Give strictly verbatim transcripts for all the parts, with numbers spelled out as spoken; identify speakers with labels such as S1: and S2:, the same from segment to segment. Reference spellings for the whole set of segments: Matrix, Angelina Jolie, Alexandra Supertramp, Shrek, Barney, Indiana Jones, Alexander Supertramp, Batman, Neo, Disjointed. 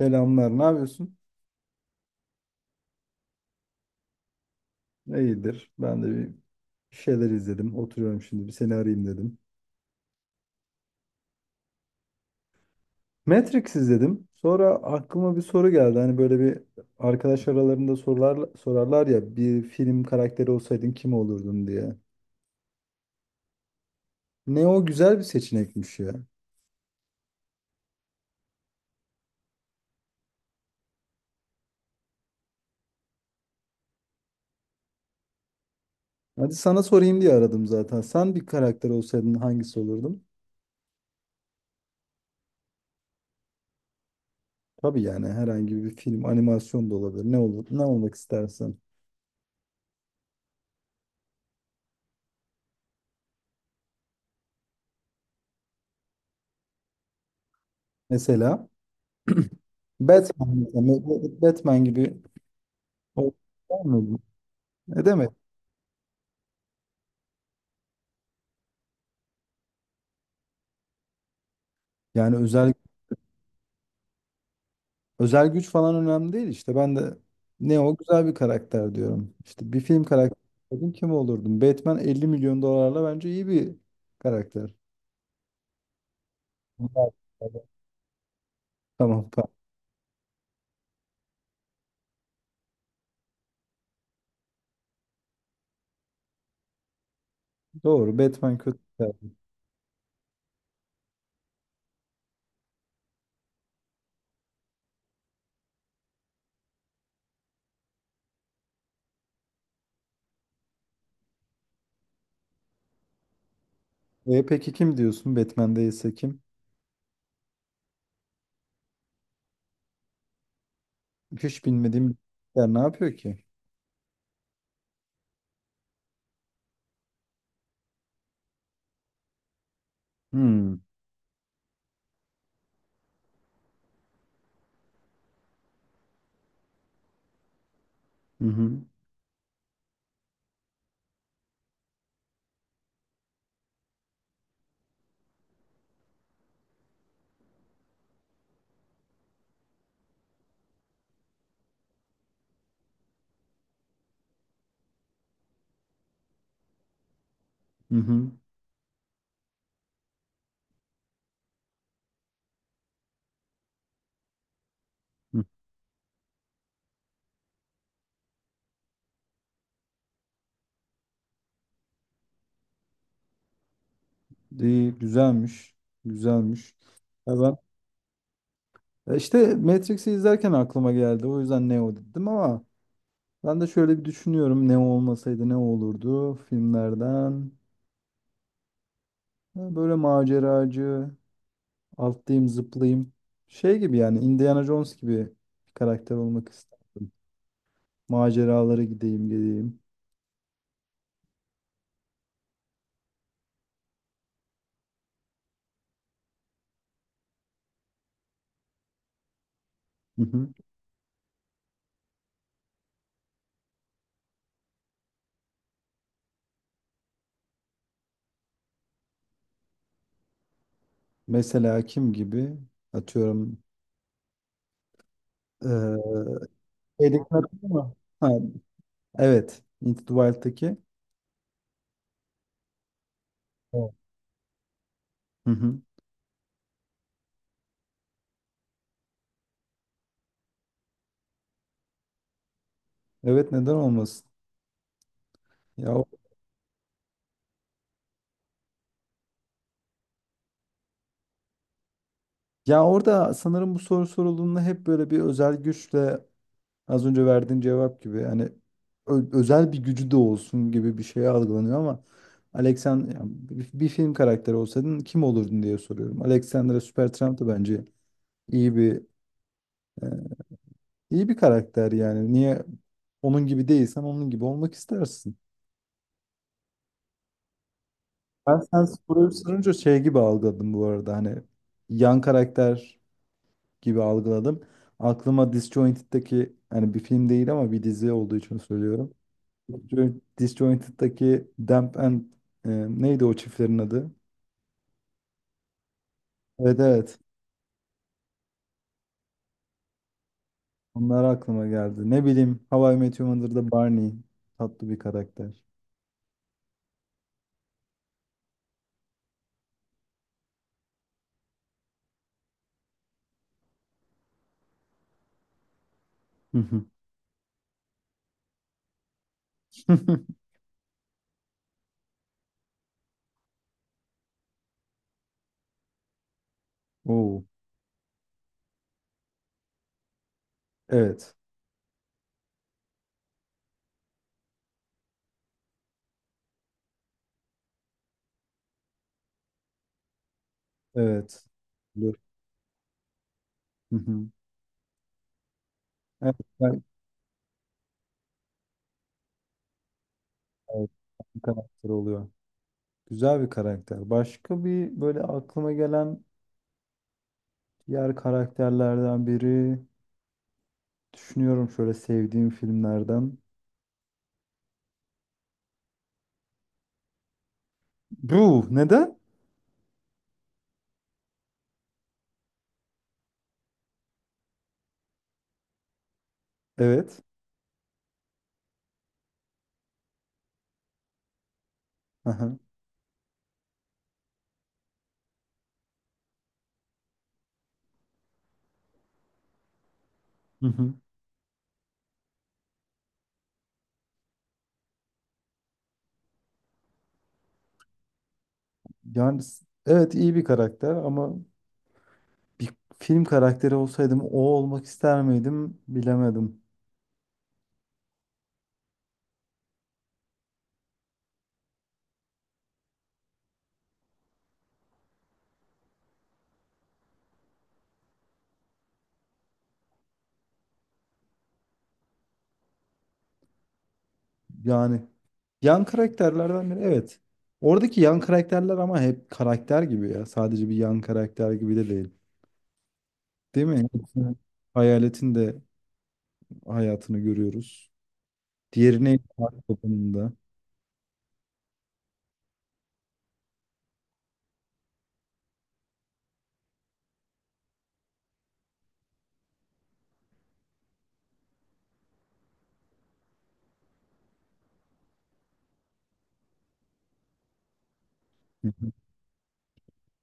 S1: Selamlar, ne yapıyorsun? İyidir. Ben de bir şeyler izledim. Oturuyorum şimdi, bir seni arayayım dedim. Matrix izledim. Sonra aklıma bir soru geldi. Hani böyle bir arkadaş aralarında sorular, sorarlar ya, bir film karakteri olsaydın kim olurdun diye. Ne o, güzel bir seçenekmiş ya. Hadi sana sorayım diye aradım zaten. Sen bir karakter olsaydın hangisi olurdun? Tabii yani herhangi bir film, animasyon da olabilir. Ne olur, ne olmak istersin? Mesela Batman, mesela Batman gibi olmak ister miydin? Ne demek? Yani özel özel güç falan önemli değil işte. Ben de ne o, güzel bir karakter diyorum. İşte bir film karakteri olsaydım kim olurdum? Batman elli milyon dolarla bence iyi bir karakter. Bunlar- Tamam, tamam. Doğru. Batman kötü bir karakter. E, peki kim diyorsun? Batman değilse kim? Hiç bilmediğim bir karakter ne yapıyor ki? Hmm. Hı hı. Hı hı. Hı. İyi, güzelmiş. Güzelmiş. Ya ben, ya işte Matrix'i izlerken aklıma geldi. O yüzden Neo dedim ama ben de şöyle bir düşünüyorum, ne olmasaydı ne olurdu filmlerden. Ya böyle maceracı, atlayayım zıplayayım. Şey gibi yani, Indiana Jones gibi bir karakter olmak isterdim. Maceralara gideyim geleyim. Hı hı. Mesela kim gibi? Atıyorum. eee Şeydeki, hatırlıyor musun? Ha, evet. Into the Wild'daki. Evet. Hı hı. Evet, neden olmasın? Ya, o- Ya orada sanırım bu soru sorulduğunda hep böyle bir özel güçle, az önce verdiğin cevap gibi hani, ö- özel bir gücü de olsun gibi bir şey algılanıyor ama Alexander yani, bir, bir film karakteri olsaydın kim olurdun diye soruyorum. Alexandra Supertramp da bence iyi bir, e, iyi bir karakter yani. Niye onun gibi değilsen, onun gibi olmak istersin. Ben sen soruyu sorunca şey gibi algıladım bu arada, hani yan karakter gibi algıladım. Aklıma Disjointed'deki, hani bir film değil ama bir dizi olduğu için söylüyorum. Disjoint- Disjointed'daki Damp and, e, neydi o çiftlerin adı? Evet evet. Onlar aklıma geldi. Ne bileyim, How I Met Your Mother'da Barney tatlı bir karakter. Hı hı. Oo. Evet. Evet. Dur. Hı hı. Evet, ben- evet, bir karakter oluyor. Güzel bir karakter. Başka bir, böyle aklıma gelen diğer karakterlerden biri, düşünüyorum şöyle sevdiğim filmlerden. Bu neden? Evet. Aha. Yani s- evet, iyi bir karakter ama bir film karakteri olsaydım o olmak ister miydim bilemedim. Yani yan karakterlerden biri, evet. Oradaki yan karakterler ama hep karakter gibi ya. Sadece bir yan karakter gibi de değil. Değil mi? Hepsinin, Hayaletin de hayatını görüyoruz. Diğerine da.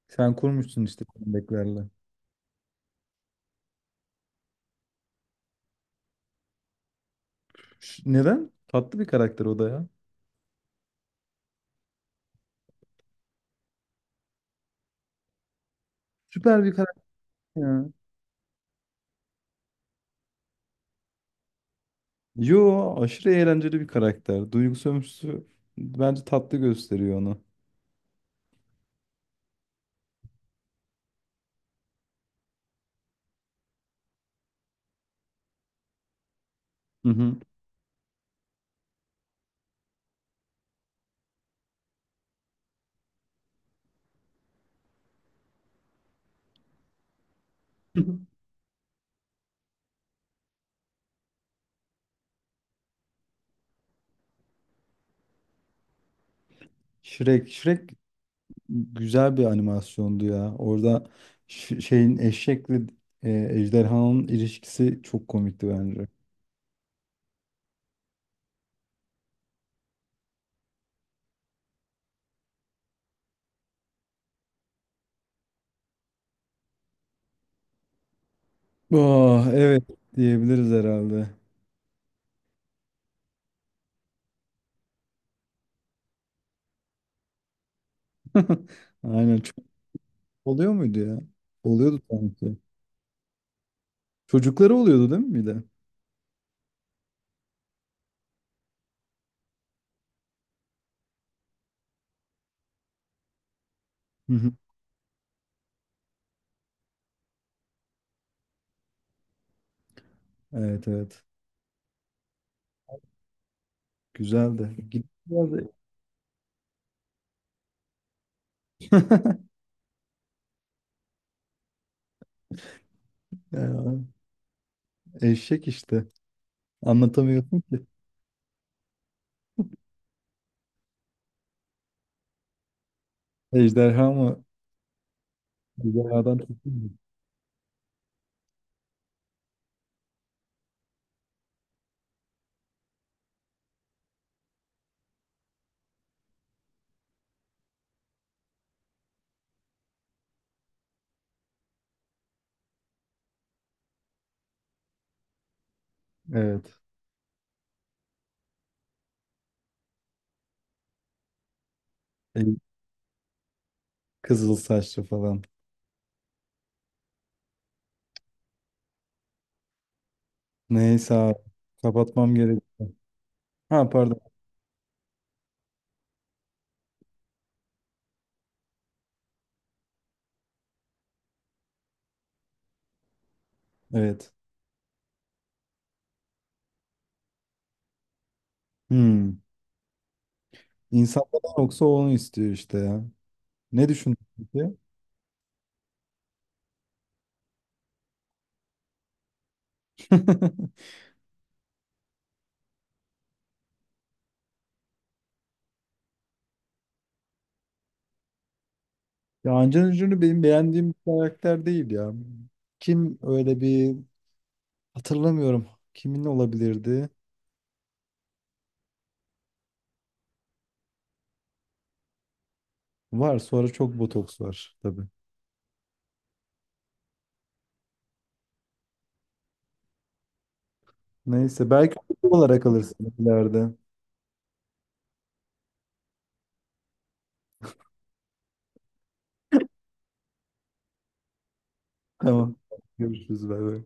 S1: Sen kurmuşsun işte Bekler'le. Ş- Neden? Tatlı bir karakter o da ya. Süper bir karakter ya. Yo, aşırı eğlenceli bir karakter. Duygusu ömrüsü bence tatlı gösteriyor onu. Hı hı. Shrek. Shrek güzel bir animasyondu ya. Orada ş- şeyin, eşekle, e, ejderhanın ilişkisi çok komikti bence. Oh, evet, diyebiliriz herhalde. Aynen, çok oluyor muydu ya? Oluyordu sanki. Çocukları oluyordu değil mi bir de? Hı hı. Evet evet. Güzeldi. Git- Ya, eşek işte. Anlatamıyorum ki. Ejderha mı? Ejderhadan tuttu mu? Evet. E, Kızıl saçlı falan. Neyse abi. Kapatmam gerekiyor. Ha, pardon. Evet. Hmm. İnsanlardan yoksa onu istiyor işte ya. Ne düşündün peki? Ya Angelina Jolie benim beğendiğim bir karakter değil ya. Kim öyle bir, hatırlamıyorum. Kimin olabilirdi? Var, sonra çok botoks var tabii. Neyse, belki olarak alırsın ileride. Tamam. Görüşürüz. Bay bay.